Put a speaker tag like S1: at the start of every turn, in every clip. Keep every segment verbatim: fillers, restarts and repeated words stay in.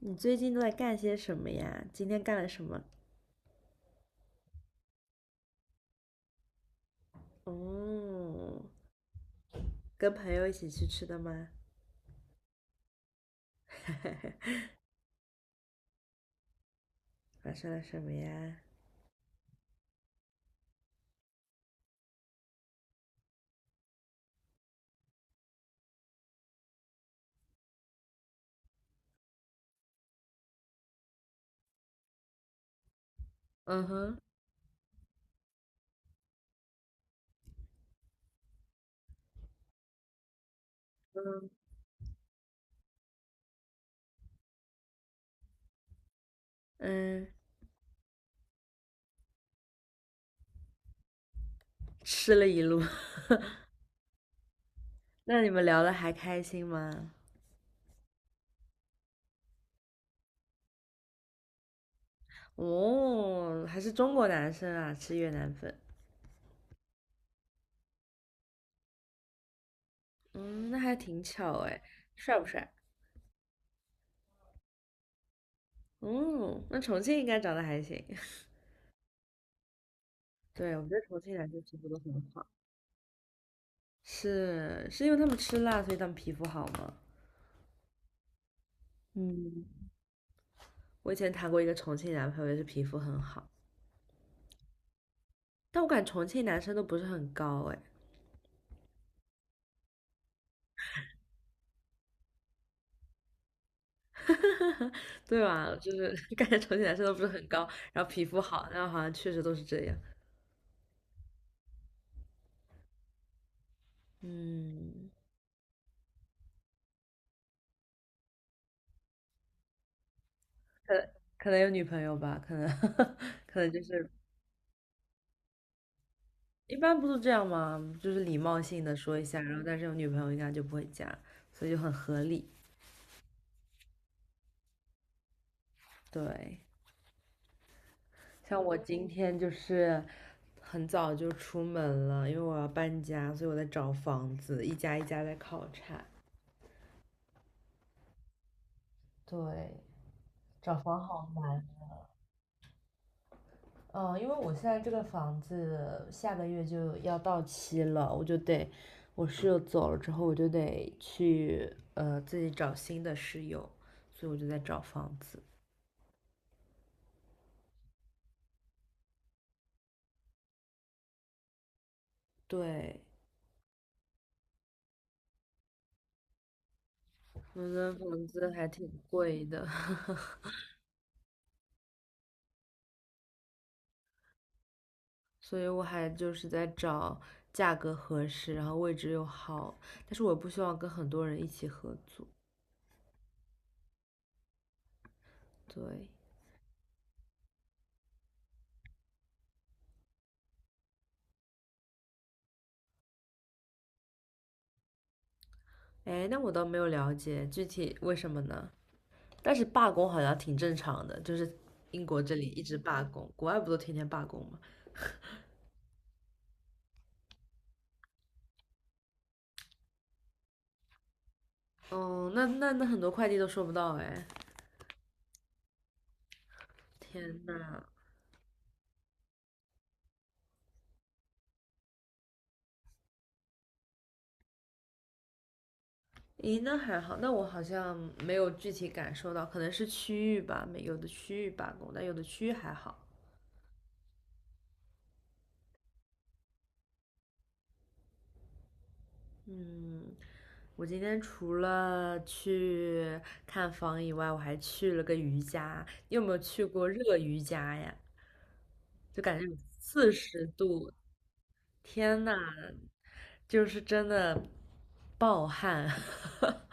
S1: 你最近都在干些什么呀？今天干了什么？哦，跟朋友一起去吃的吗？发生了什么呀？嗯哼，嗯嗯，吃了一路。那你们聊的还开心吗？哦，还是中国男生啊，吃越南粉。嗯，那还挺巧哎，帅不帅？嗯，那重庆应该长得还行。对，我觉得重庆男生皮肤都很好。是，是因为他们吃辣，所以他们皮肤好吗？嗯。我以前谈过一个重庆男朋友，也是皮肤很好，但我感觉重庆男生都不是很高，哎，对吧？就是感觉重庆男生都不是很高，然后皮肤好，然后好像确实都是这样。嗯，可可能有女朋友吧，可能 可能就是一般不都这样吗？就是礼貌性的说一下，然后但是有女朋友应该就不会加，所以就很合理。对，像我今天就是很早就出门了，因为我要搬家，所以我在找房子，一家一家在考察。对，找房好难。嗯，因为我现在这个房子下个月就要到期了，我就得，我室友走了之后，我就得去呃自己找新的室友，所以我就在找房子。对，我的房子还挺贵的，所以我还就是在找价格合适，然后位置又好，但是我不希望跟很多人一起合租。对，哎，那我倒没有了解具体为什么呢？但是罢工好像挺正常的，就是英国这里一直罢工，国外不都天天罢工吗？嗯，那那那很多快递都收不到哎，天呐，咦，那还好，那我好像没有具体感受到，可能是区域吧，没有的区域罢工，但有的区域还好。嗯，我今天除了去看房以外，我还去了个瑜伽。你有没有去过热瑜伽呀？就感觉有四十度，天呐，就是真的暴汗，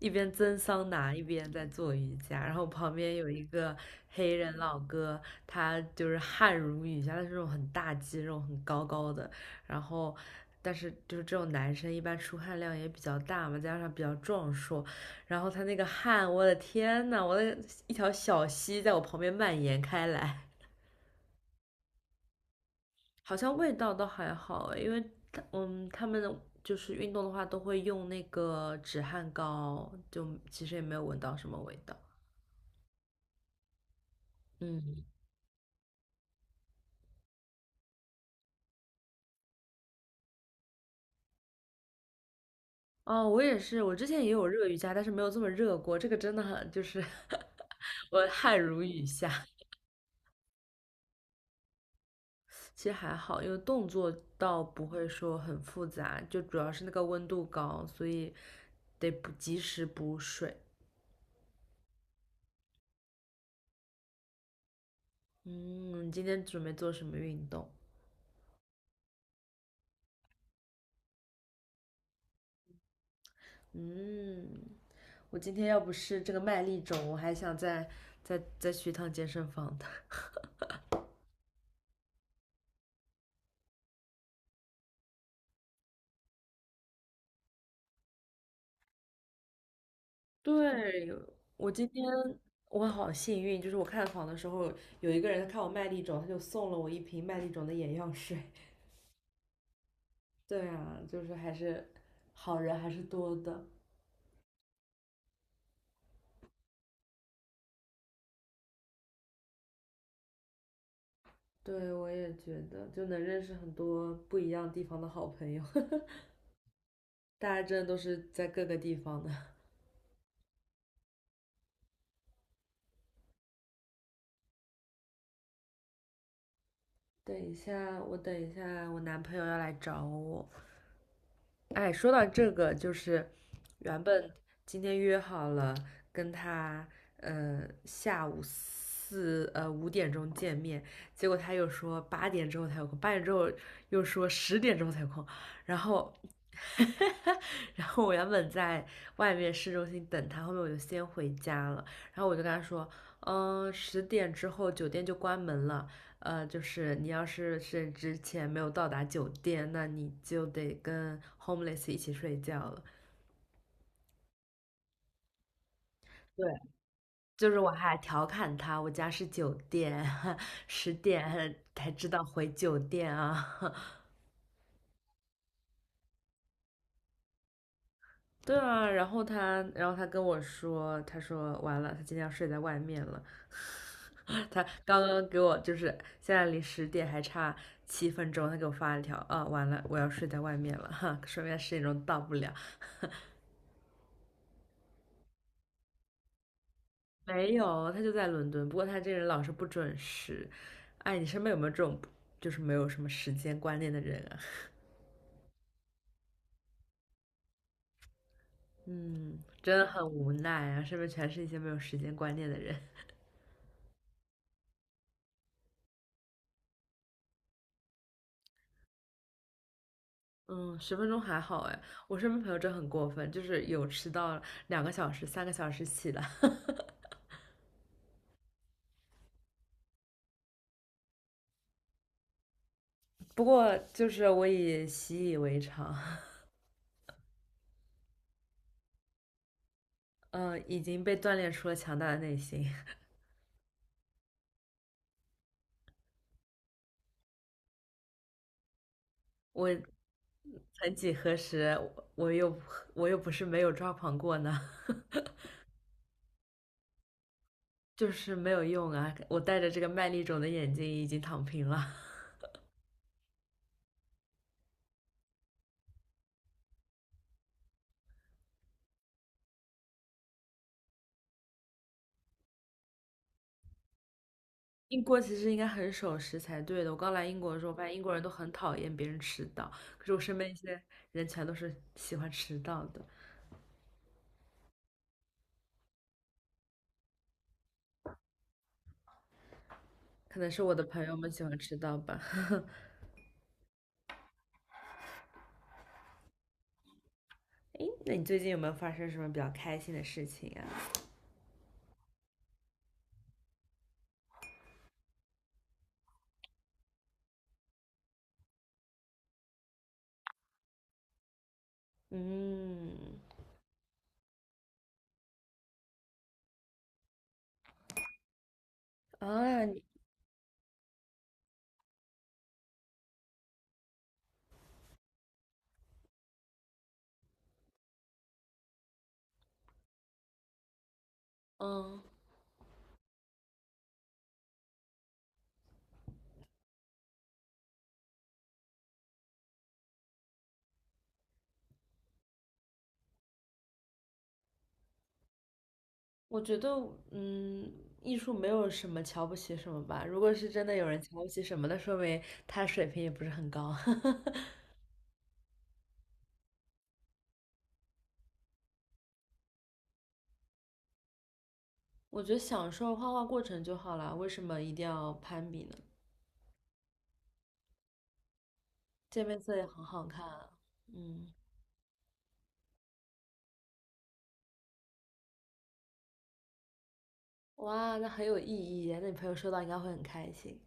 S1: 一边蒸桑拿一边在做瑜伽，然后旁边有一个黑人老哥，他就是汗如雨下，他是那种很大肌肉、很高高的，然后。但是就是这种男生一般出汗量也比较大嘛，加上比较壮硕，然后他那个汗，我的天呐，我的一条小溪在我旁边蔓延开来。好像味道倒还好诶因为他嗯，他们就是运动的话都会用那个止汗膏，就其实也没有闻到什么味道。嗯，哦，我也是，我之前也有热瑜伽，但是没有这么热过。这个真的很就是 我汗如雨下。其实还好，因为动作倒不会说很复杂，就主要是那个温度高，所以得补及时补水。嗯，你今天准备做什么运动？嗯。我今天要不是这个麦粒肿，我还想再再再去一趟健身房的。对，我今天我好幸运，就是我看房的时候，有一个人看我麦粒肿，他就送了我一瓶麦粒肿的眼药水。对啊，就是还是好人还是多的。对，我也觉得，就能认识很多不一样地方的好朋友，大家真的都是在各个地方的。等一下，我等一下，我男朋友要来找我。哎，说到这个，就是原本今天约好了跟他，呃，下午四呃五点钟见面，结果他又说八点之后才有空，八点之后又说十点钟才有空，然后，然后我原本在外面市中心等他，后面我就先回家了，然后我就跟他说，嗯、十点之后酒店就关门了，呃，就是你要是是之前没有到达酒店，那你就得跟 homeless 一起睡觉了。对，就是我还调侃他，我家是酒店，十点还才知道回酒店啊。对啊，然后他，然后他跟我说，他说完了，他今天要睡在外面了。他刚刚给我就是现在离十点还差七分钟，他给我发了一条啊，完了，我要睡在外面了，哈，说明十点钟到不了。没有，他就在伦敦，不过他这个人老是不准时。哎，你身边有没有这种就是没有什么时间观念的人啊？嗯，真的很无奈啊，身边全是一些没有时间观念的人。嗯，十分钟还好哎，我身边朋友真的很过分，就是有迟到两个小时、三个小时起的。不过就是我已习以为常，嗯，已经被锻炼出了强大的内心。我曾几何时，我又我又不是没有抓狂过呢。就是没有用啊！我戴着这个麦粒肿的眼睛已经躺平了。英国其实应该很守时才对的。我刚来英国的时候，发现英国人都很讨厌别人迟到，可是我身边一些人全都是喜欢迟到的，可能是我的朋友们喜欢迟到吧。诶，那你最近有没有发生什么比较开心的事情啊？嗯，啊，你嗯，我觉得，嗯，艺术没有什么瞧不起什么吧。如果是真的有人瞧不起什么，那说明他水平也不是很高。我觉得享受画画过程就好啦，为什么一定要攀比呢？渐变色也很好看啊，嗯，哇，那很有意义那你朋友收到应该会很开心。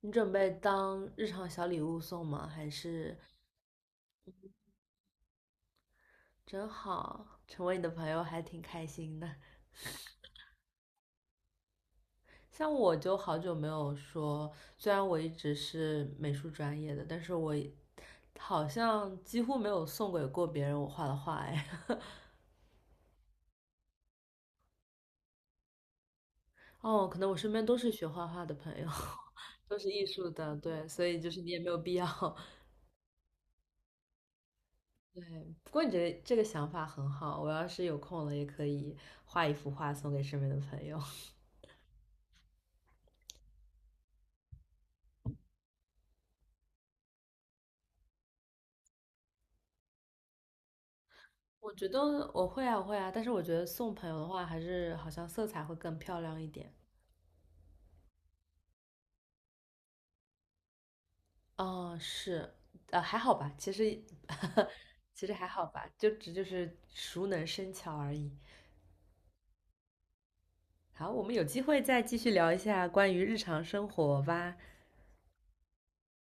S1: 你准备当日常小礼物送吗？还是真好，成为你的朋友还挺开心的。像我就好久没有说，虽然我一直是美术专业的，但是我好像几乎没有送给过别人我画的画哎。哦，可能我身边都是学画画的朋友，都是艺术的，对，所以就是你也没有必要。对，不过你觉得这个想法很好，我要是有空了也可以画一幅画送给身边的朋友。我觉得我会啊，我会啊，但是我觉得送朋友的话，还是好像色彩会更漂亮一点。嗯，是，呃，还好吧，其实 其实还好吧，就只就是熟能生巧而已。好，我们有机会再继续聊一下关于日常生活吧。